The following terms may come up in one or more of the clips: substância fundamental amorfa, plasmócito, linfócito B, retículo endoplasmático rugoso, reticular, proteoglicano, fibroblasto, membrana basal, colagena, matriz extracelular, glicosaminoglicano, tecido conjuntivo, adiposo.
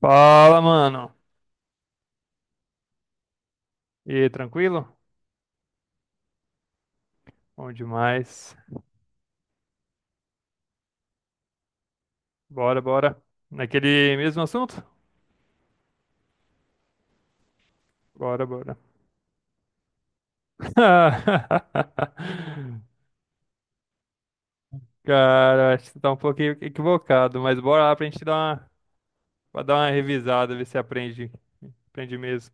Fala, mano. E aí, tranquilo? Bom demais. Bora, bora. Naquele mesmo assunto? Bora, bora. Cara, acho que você tá um pouquinho equivocado, mas bora lá pra gente dar uma, pra dar uma revisada, ver se aprende, aprende mesmo.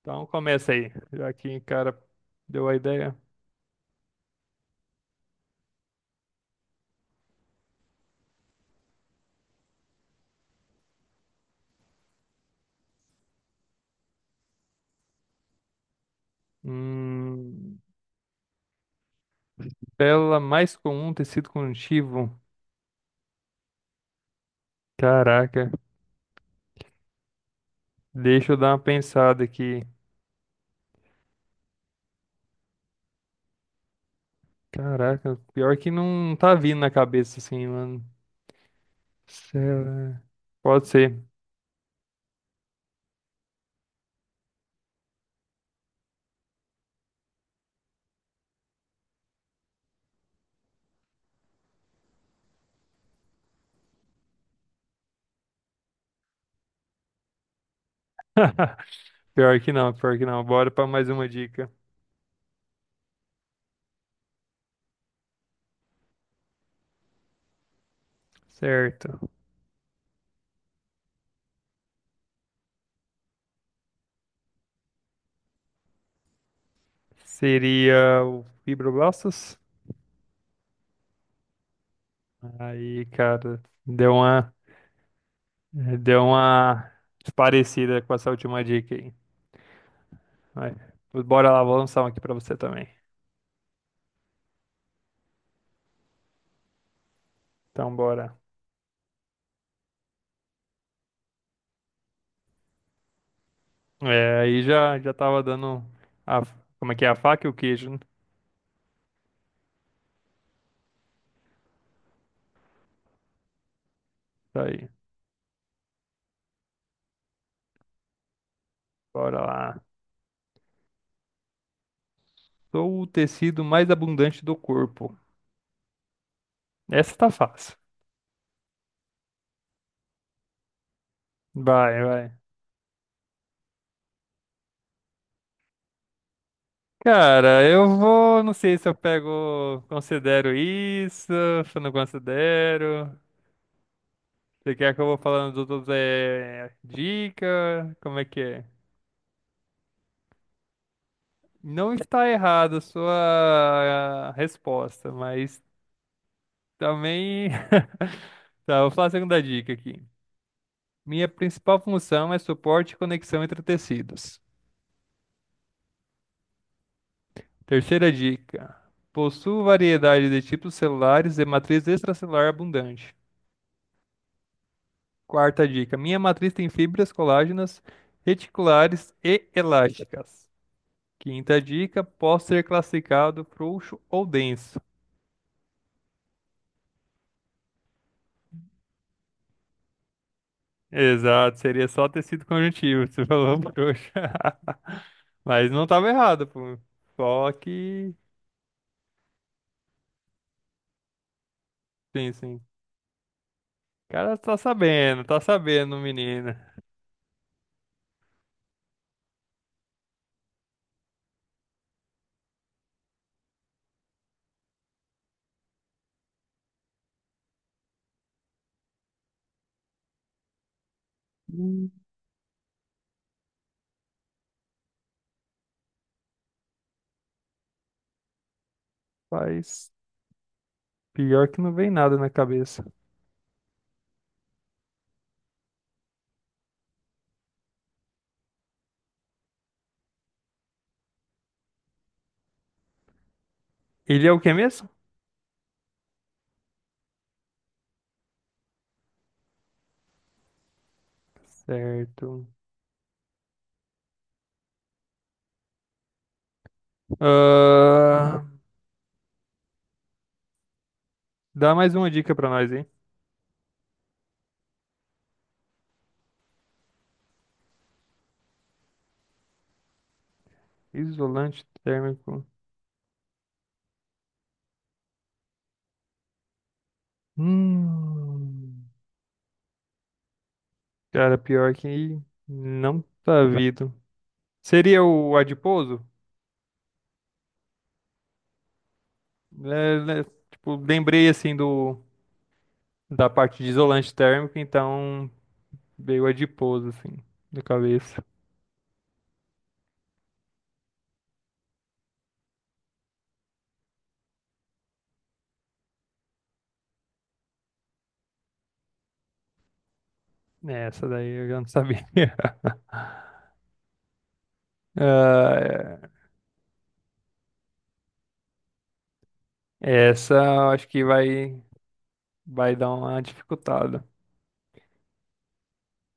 Então começa aí, já que, cara, deu a ideia. Hum, tela mais comum, tecido conjuntivo. Caraca, deixa eu dar uma pensada aqui. Caraca, pior que não tá vindo na cabeça assim, mano. Será? Pode ser. Pior que não, pior que não. Bora pra mais uma dica. Certo. Seria o fibroblastos? Aí, cara, deu uma, deu uma parecida com essa última dica aí. Vai. Bora lá, vou lançar um aqui pra você também. Então, bora. É, aí já, já tava dando a, como é que é a faca e o queijo, né? Tá aí. Bora lá. Sou o tecido mais abundante do corpo. Essa tá fácil. Vai, vai. Cara, eu vou. Não sei se eu pego. Considero isso, se eu não considero. Você quer que eu vou falando dos outros é, dica? Como é que é? Não está errada a sua resposta, mas também. Tá, vou falar a segunda dica aqui. Minha principal função é suporte e conexão entre tecidos. Terceira dica. Possuo variedade de tipos celulares e matriz extracelular abundante. Quarta dica. Minha matriz tem fibras colágenas reticulares e elásticas. Quinta dica. Posso ser classificado frouxo ou denso. Exato, seria só tecido conjuntivo, você falou frouxo. Mas não estava errado, pô. Só que. Sim, sim. O cara tá sabendo, menina. Hum, Mas pior que não vem nada na cabeça. Ele é o que mesmo? Certo. Ah, dá mais uma dica pra nós, hein? Isolante térmico. Hum, cara, pior que não tá vindo. Seria o adiposo? É, né, tipo, lembrei assim do da parte de isolante térmico, então veio adiposo assim na cabeça. É, essa daí eu já não sabia. Ah, é, essa eu acho que vai vai dar uma dificultada.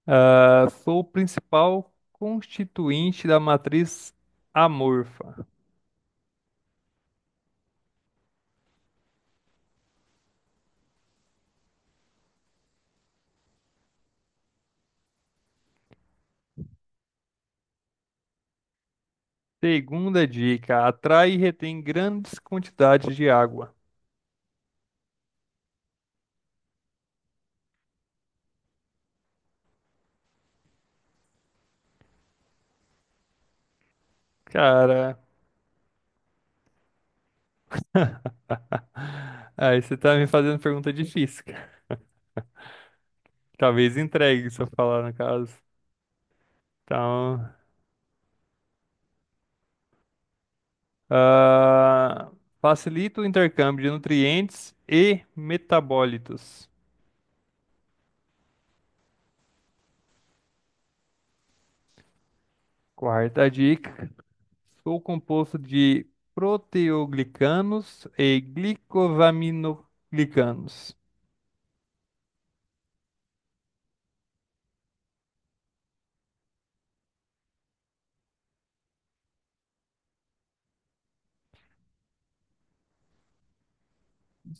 Ah, sou o principal constituinte da matriz amorfa. Segunda dica: atrai e retém grandes quantidades de água. Cara, aí você tá me fazendo pergunta difícil, cara. Talvez entregue se eu falar no caso. Então, ah, facilita o intercâmbio de nutrientes e metabólitos. Quarta dica. Sou composto de proteoglicanos e glicovaminoglicanos.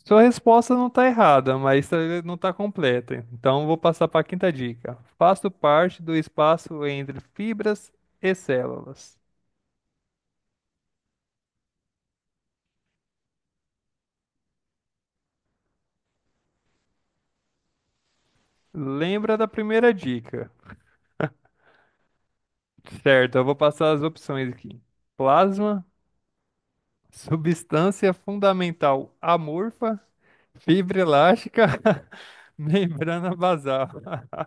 Sua resposta não está errada, mas tá- não está completa. Então vou passar para a quinta dica. Faço parte do espaço entre fibras e células. Lembra da primeira dica? Certo, eu vou passar as opções aqui. Plasma, substância fundamental amorfa, fibra elástica, membrana basal.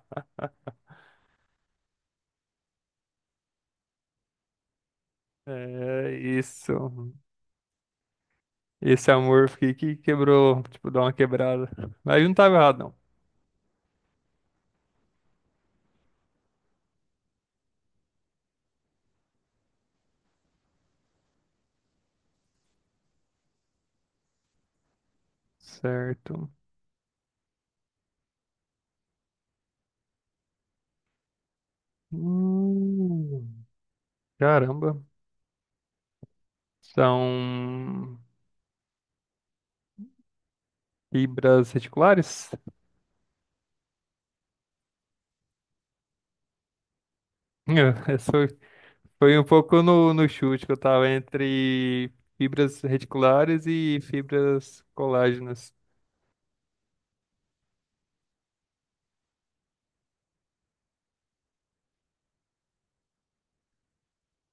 É isso. Esse amor fiquei que quebrou, tipo, dá uma quebrada. Mas não tava errado, não. Certo. Hum, caramba. São fibras reticulares? Essa foi foi um pouco no, no chute que eu tava entre fibras reticulares e fibras colágenas.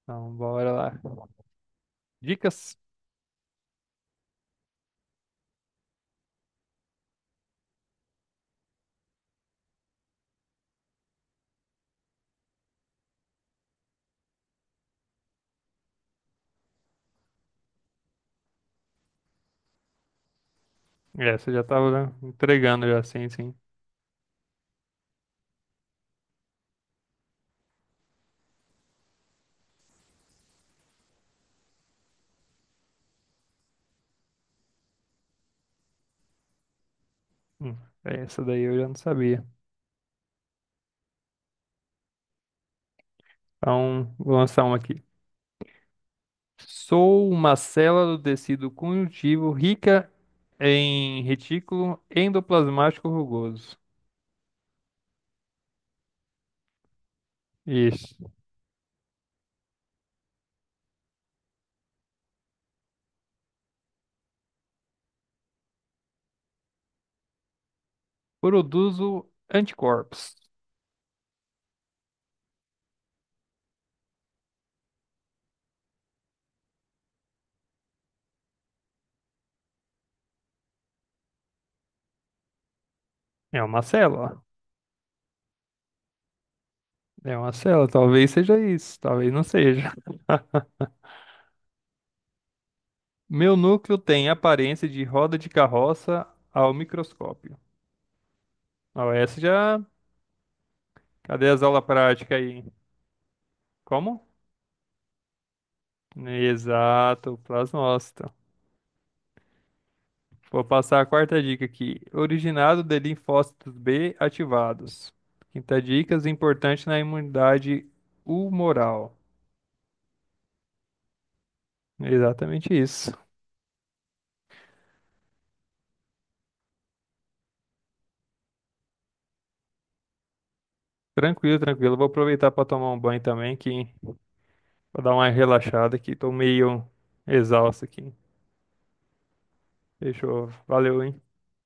Então, bora lá. Dicas? Essa eu já tava né, entregando já, sim, sim. Hum, essa daí eu já não sabia. Então, vou lançar uma aqui. Sou uma célula do tecido conjuntivo rica em retículo endoplasmático rugoso. Isso. Produzo anticorpos. É uma célula. É uma célula. Talvez seja isso. Talvez não seja. Meu núcleo tem aparência de roda de carroça ao microscópio. Ó, essa já. Cadê as aulas práticas aí? Como? Exato, plasmócito. Vou passar a quarta dica aqui. Originado de linfócitos B ativados. Quinta dica, importante na imunidade humoral. Exatamente isso. Tranquilo, tranquilo. Vou aproveitar para tomar um banho também, que vou dar uma relaxada aqui. Tô meio exausto aqui. Fechou. Valeu, hein?